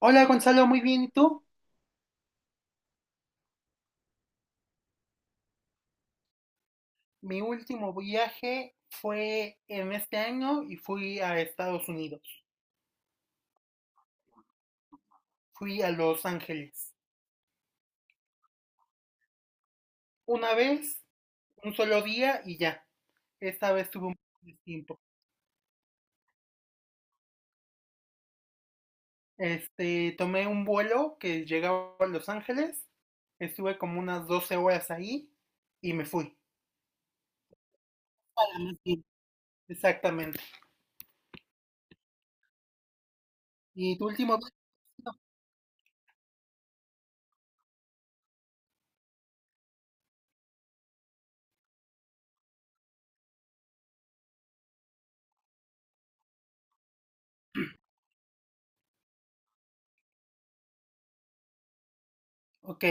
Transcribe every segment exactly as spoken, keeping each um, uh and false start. Hola Gonzalo, muy bien, ¿y tú? Mi último viaje fue en este año y fui a Estados Unidos. Fui a Los Ángeles. Una vez, un solo día y ya. Esta vez tuve un poco de tiempo. Este, tomé un vuelo que llegaba a Los Ángeles. Estuve como unas doce horas ahí y me fui. Para más bien. Exactamente. ¿Y tu último viaje? Ok,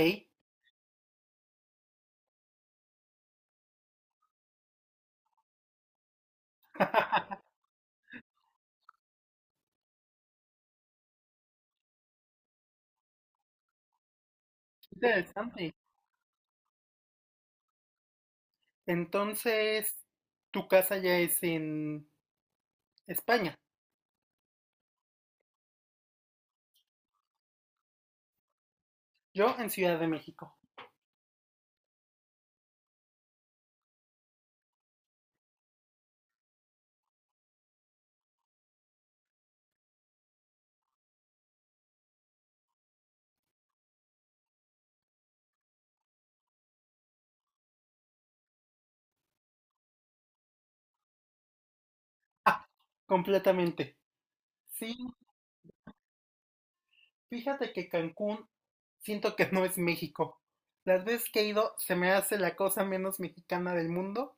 interesante. Entonces, tu casa ya es en España. Yo en Ciudad de México. Ah, completamente. Sí, fíjate que Cancún siento que no es México. Las veces que he ido se me hace la cosa menos mexicana del mundo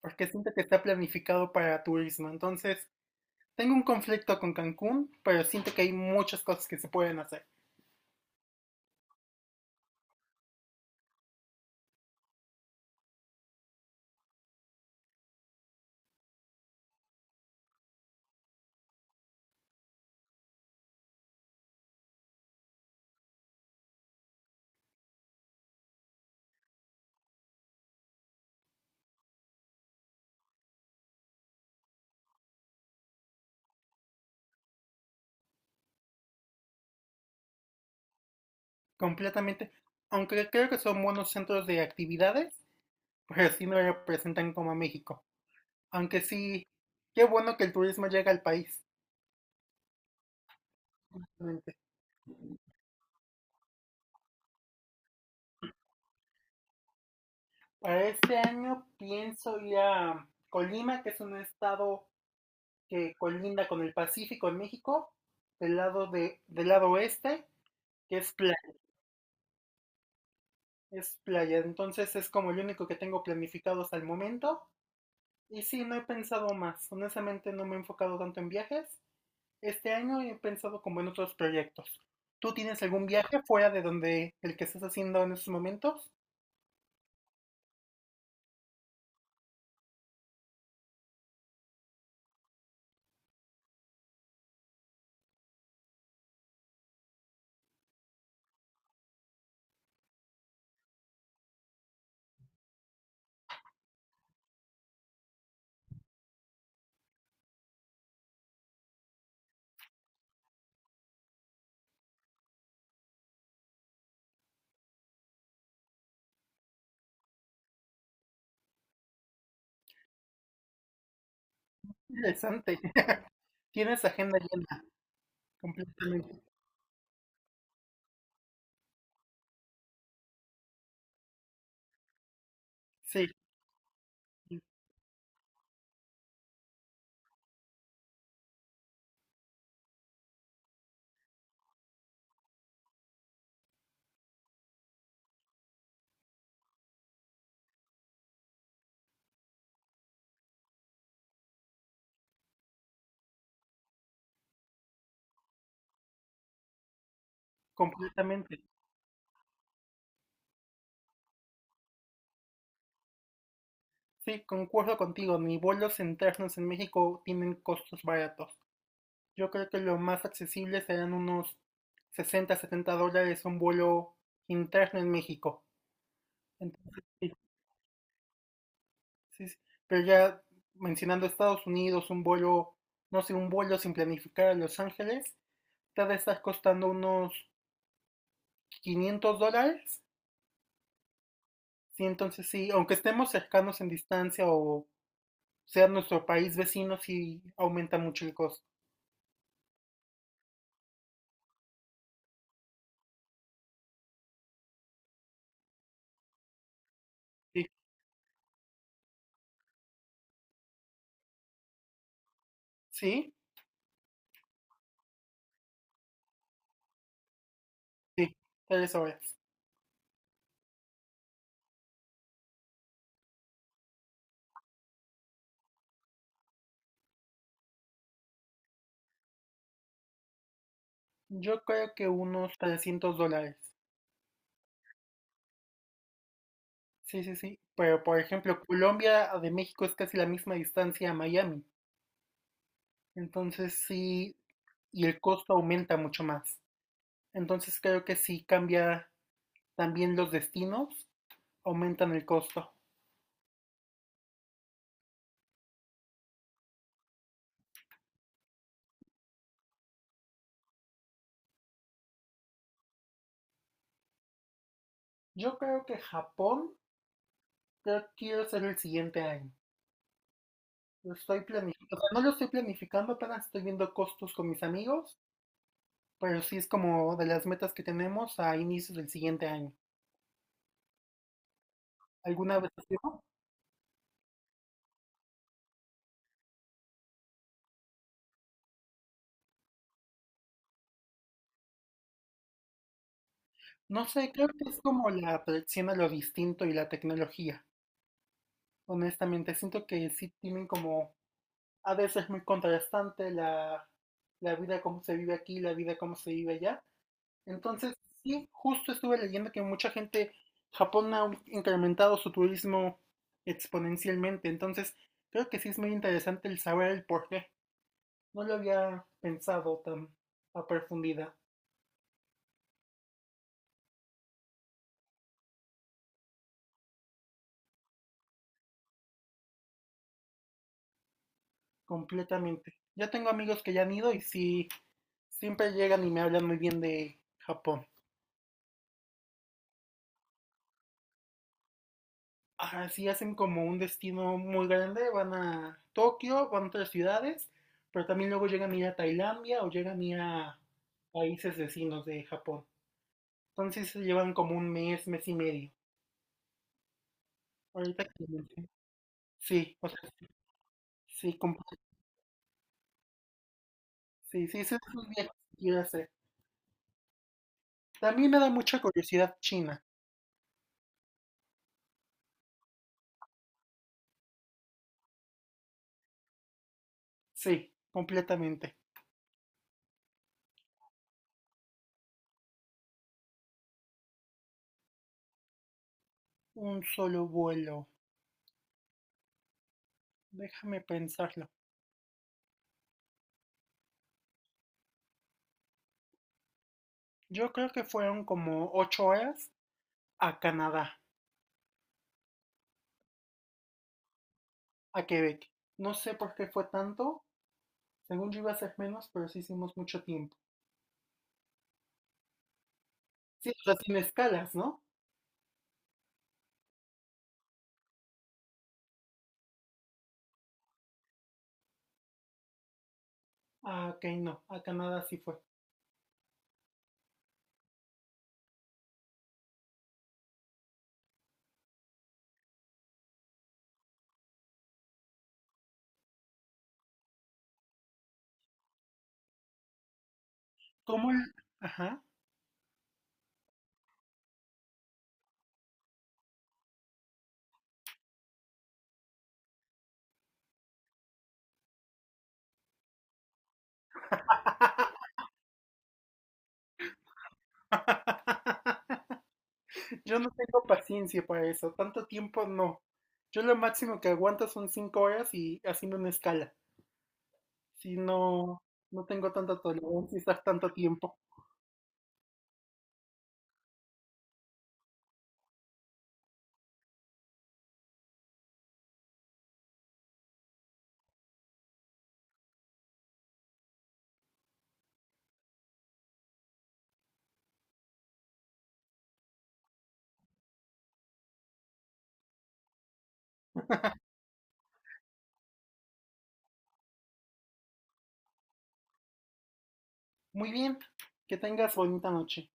porque siento que está planificado para turismo. Entonces, tengo un conflicto con Cancún, pero siento que hay muchas cosas que se pueden hacer. Completamente. Aunque creo que son buenos centros de actividades, pero sí no representan como a México. Aunque sí, qué bueno que el turismo llega al país. Para este año pienso ir a Colima, que es un estado que colinda con el Pacífico en México, del lado de, del lado oeste, que es playa, es playa. Entonces es como el único que tengo planificado hasta el momento. Y sí, no he pensado más. Honestamente no me he enfocado tanto en viajes. Este año he pensado como en otros proyectos. ¿Tú tienes algún viaje fuera de donde el que estás haciendo en estos momentos? Interesante. Tienes agenda llena, completamente. Sí, completamente. Sí, concuerdo contigo, ni vuelos internos en México tienen costos baratos. Yo creo que lo más accesible serán unos sesenta, setenta dólares un vuelo interno en México. Entonces, sí, sí, sí. Pero ya mencionando Estados Unidos, un vuelo, no sé, un vuelo sin planificar a Los Ángeles, te ha de estar costando unos quinientos dólares. Sí, entonces sí, aunque estemos cercanos en distancia o sea nuestro país vecino, sí aumenta mucho el costo. Sí, sí. Sí, tres horas. Yo creo que unos trescientos dólares. Sí, sí, sí. Pero, por ejemplo, Colombia de México es casi la misma distancia a Miami. Entonces sí, y el costo aumenta mucho más. Entonces creo que sí cambia también los destinos, aumentan el costo. Yo creo que Japón, creo que quiero hacer el siguiente año. Lo estoy planificando, o sea, no lo estoy planificando, apenas estoy viendo costos con mis amigos, pero sí es como de las metas que tenemos a inicios del siguiente año. ¿Alguna vez has ido? No sé, creo que es como la atracción a lo distinto y la tecnología. Honestamente, siento que sí tienen como, a veces muy contrastante la, la vida como se vive aquí, la vida como se vive allá. Entonces, sí, justo estuve leyendo que mucha gente, Japón ha incrementado su turismo exponencialmente. Entonces, creo que sí es muy interesante el saber el por qué. No lo había pensado tan a profundidad, completamente. Yo tengo amigos que ya han ido y sí, siempre llegan y me hablan muy bien de Japón. Ahora sí hacen como un destino muy grande, van a Tokio, van a otras ciudades, pero también luego llegan a ir a Tailandia o llegan a ir a países vecinos de Japón. Entonces se llevan como un mes, mes y medio. Ahorita que lo mencioné. Sí, o sea, sí, sí, com- sí, sí, ese es un viaje que quiero hacer. También me da mucha curiosidad China. Sí, completamente. Un solo vuelo. Déjame pensarlo. Yo creo que fueron como ocho horas a Canadá, a Quebec. No sé por qué fue tanto. Según yo iba a ser menos, pero sí hicimos mucho tiempo. Sí, o sea, sin escalas, ¿no? Ah, ok, no. A Canadá sí fue. ¿Cómo? el- Ajá. Yo no tengo paciencia para eso. Tanto tiempo no. Yo lo máximo que aguanto son cinco horas y haciendo una escala. Si no, no tengo tanta tolerancia a estar tanto tiempo. Muy bien. Que tengas bonita noche.